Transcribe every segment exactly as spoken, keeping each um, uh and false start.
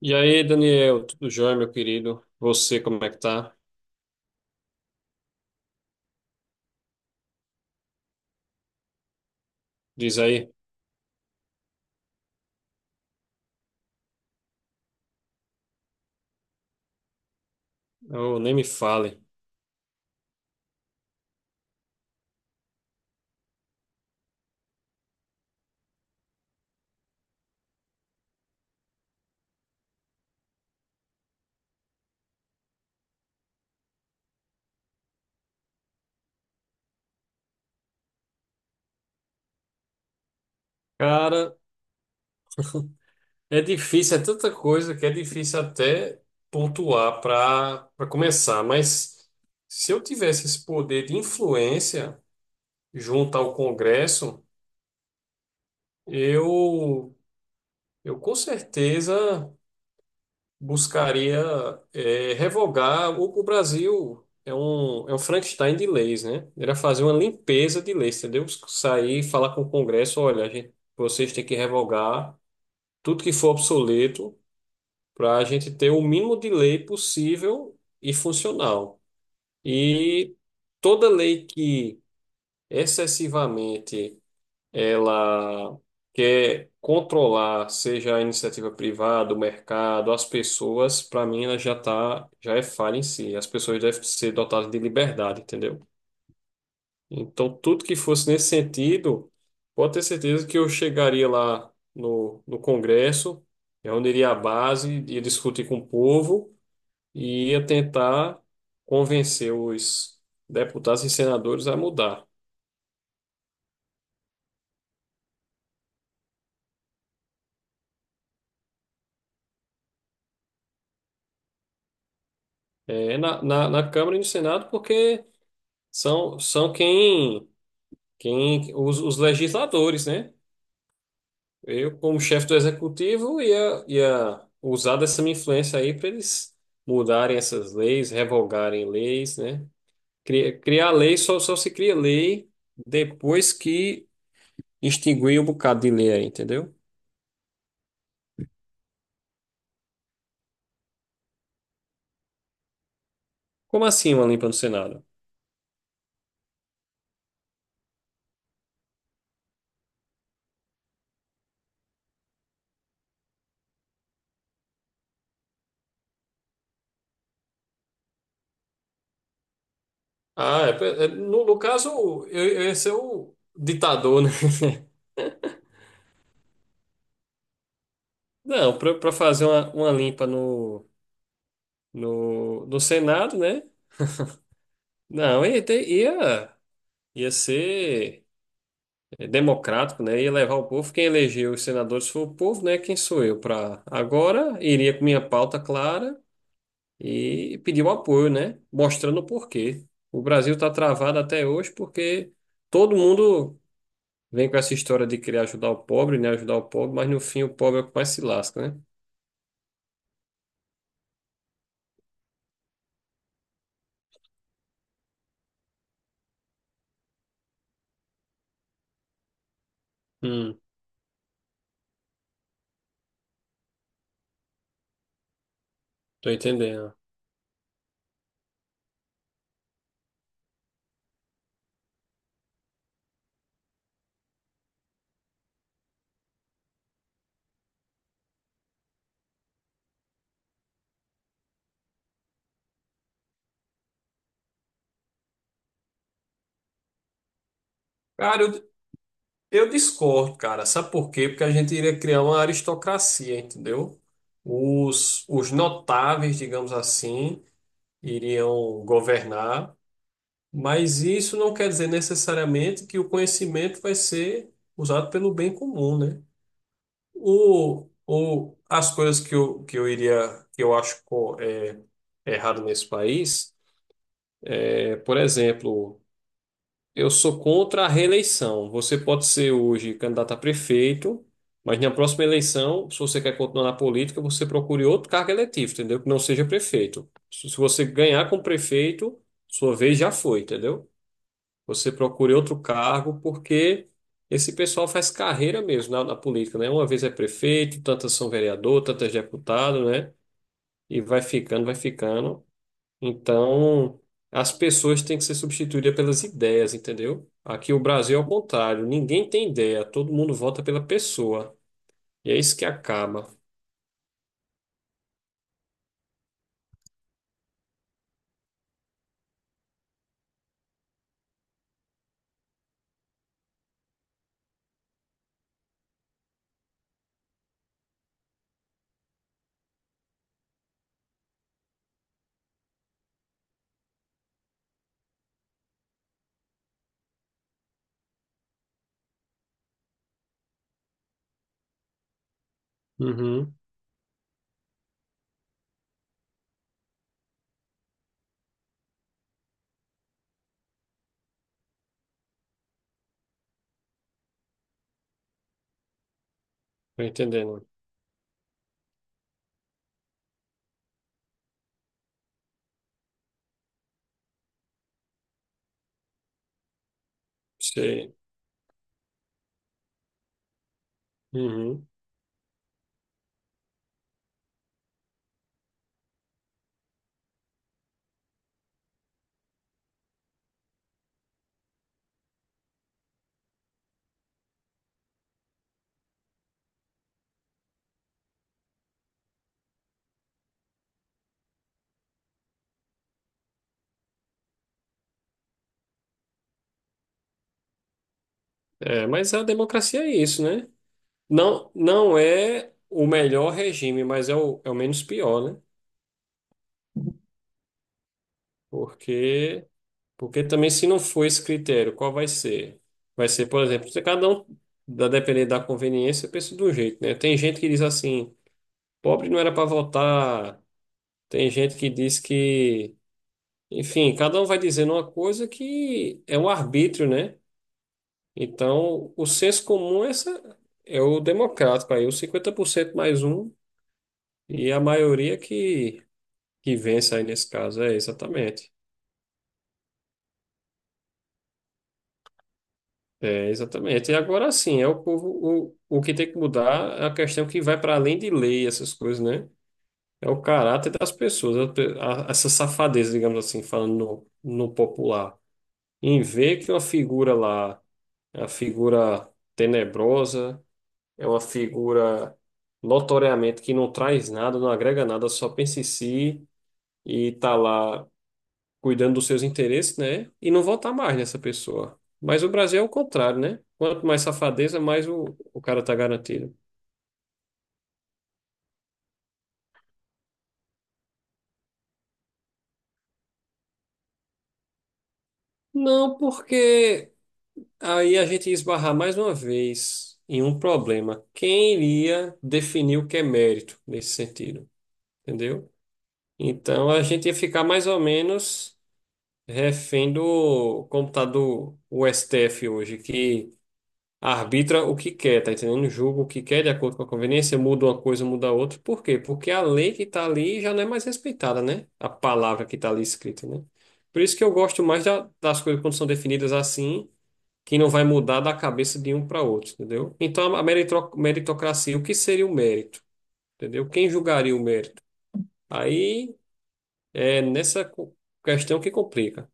E aí, Daniel, tudo jóia, meu querido? Você, como é que tá? Diz aí. Oh, nem me fale. Cara, é difícil, é tanta coisa que é difícil até pontuar para para começar, mas se eu tivesse esse poder de influência junto ao Congresso, eu eu com certeza buscaria, eh, revogar o... O Brasil é um, é um Frankenstein de leis, né? Era fazer uma limpeza de leis, entendeu? Sair, e falar com o Congresso, olha, a gente, vocês têm que revogar tudo que for obsoleto para a gente ter o mínimo de lei possível e funcional. E toda lei que excessivamente ela quer controlar, seja a iniciativa privada, o mercado, as pessoas, para mim ela já tá, já é falha em si. As pessoas devem ser dotadas de liberdade, entendeu? Então, tudo que fosse nesse sentido, pode ter certeza que eu chegaria lá no, no Congresso, reuniria a base, ia discutir com o povo e ia tentar convencer os deputados e senadores a mudar. É, na, na, na Câmara e no Senado, porque são, são quem, quem os, os legisladores, né? Eu, como chefe do executivo, ia, ia usar dessa minha influência aí para eles mudarem essas leis, revogarem leis, né? Cria- Criar, lei só, só se cria lei depois que extinguir um bocado de lei aí, entendeu? Como assim uma limpa no Senado? Ah, é, pe- é, no, no caso, eu, eu ia ser o ditador, né? Não, para fazer uma, uma limpa no, no, no Senado, né? Não, ia, ter- ia, ia ser, é, democrático, né? Ia levar o povo. Quem elegeu os senadores foi o povo, né? Quem sou eu para agora? Iria com minha pauta clara e pedir o apoio, né? Mostrando o porquê. O Brasil está travado até hoje porque todo mundo vem com essa história de querer ajudar o pobre, né? Ajudar o pobre, mas no fim o pobre é o que mais se lasca, né? Hum, tô entendendo. Cara, eu Eu discordo, cara. Sabe por quê? Porque a gente iria criar uma aristocracia, entendeu? Os, os notáveis, digamos assim, iriam governar, mas isso não quer dizer necessariamente que o conhecimento vai ser usado pelo bem comum, né? O, o, as coisas que eu, que eu iria, que eu acho, co- é, errado nesse país, é, por exemplo. Eu sou contra a reeleição. Você pode ser hoje candidato a prefeito, mas na próxima eleição, se você quer continuar na política, você procure outro cargo eletivo, entendeu? Que não seja prefeito. Se se você ganhar como prefeito, sua vez já foi, entendeu? Você procure outro cargo, porque esse pessoal faz carreira mesmo na, na política, né? Uma vez é prefeito, tantas são vereador, tantas deputado, né? E vai ficando, vai ficando. Então, as pessoas têm que ser substituídas pelas ideias, entendeu? Aqui o Brasil é o contrário, ninguém tem ideia, todo mundo vota pela pessoa. E é isso que acaba. Uhum, tô entendendo. Sei. Uhum. É, mas a democracia é isso, né? Não, não é o melhor regime, mas é o, é o menos pior, né? Porque, porque também se não for esse critério, qual vai ser? Vai ser, por exemplo, se cada um, da depender da conveniência, pensa de um jeito, né? Tem gente que diz assim, pobre não era para votar. Tem gente que diz que, enfim, cada um vai dizendo uma coisa que é um arbítrio, né? Então, o senso comum é, essa, é o democrático aí, os cinquenta por cento mais um, e a maioria que, que vence aí nesse caso, é exatamente. É, exatamente. E agora sim, é o povo, o, o que tem que mudar é a questão que vai para além de lei, essas coisas, né? É o caráter das pessoas, a pe- a- essa safadeza, digamos assim, falando no, no popular. Em ver que uma figura lá é uma figura tenebrosa, é uma figura notoriamente que não traz nada, não agrega nada, só pensa em si e tá lá cuidando dos seus interesses, né? E não votar mais nessa pessoa. Mas o Brasil é o contrário, né? Quanto mais safadeza, mais o, o cara tá garantido. Não, porque aí a gente ia esbarrar mais uma vez em um problema. Quem iria definir o que é mérito nesse sentido? Entendeu? Então a gente ia ficar mais ou menos refém do computador, o S T F hoje, que arbitra o que quer, tá entendendo? Julga o que quer de acordo com a conveniência, muda uma coisa, muda outra. Por quê? Porque a lei que tá ali já não é mais respeitada, né? A palavra que tá ali escrita, né? Por isso que eu gosto mais da- das coisas quando são definidas assim, que não vai mudar da cabeça de um para outro, entendeu? Então a meritro- meritocracia, o que seria o mérito? Entendeu? Quem julgaria o mérito? Aí é nessa co- questão que complica.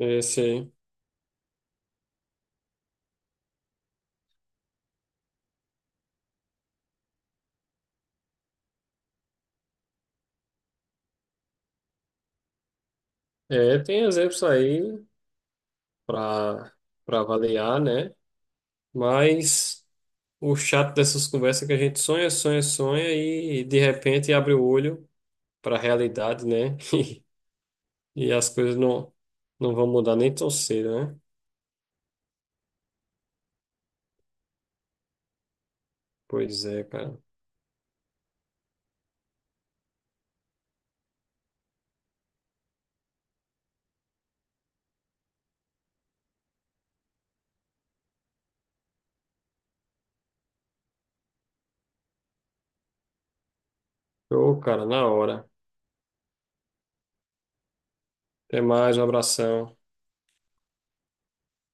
É, sim, é, tem exemplos aí para para avaliar, né? Mas o chato dessas conversas é que a gente sonha, sonha, sonha e de repente abre o olho para a realidade, né? E, e as coisas não, não vão mudar nem tão cedo, né? Pois é, cara. Ô, cara, na hora. Até mais, um abração.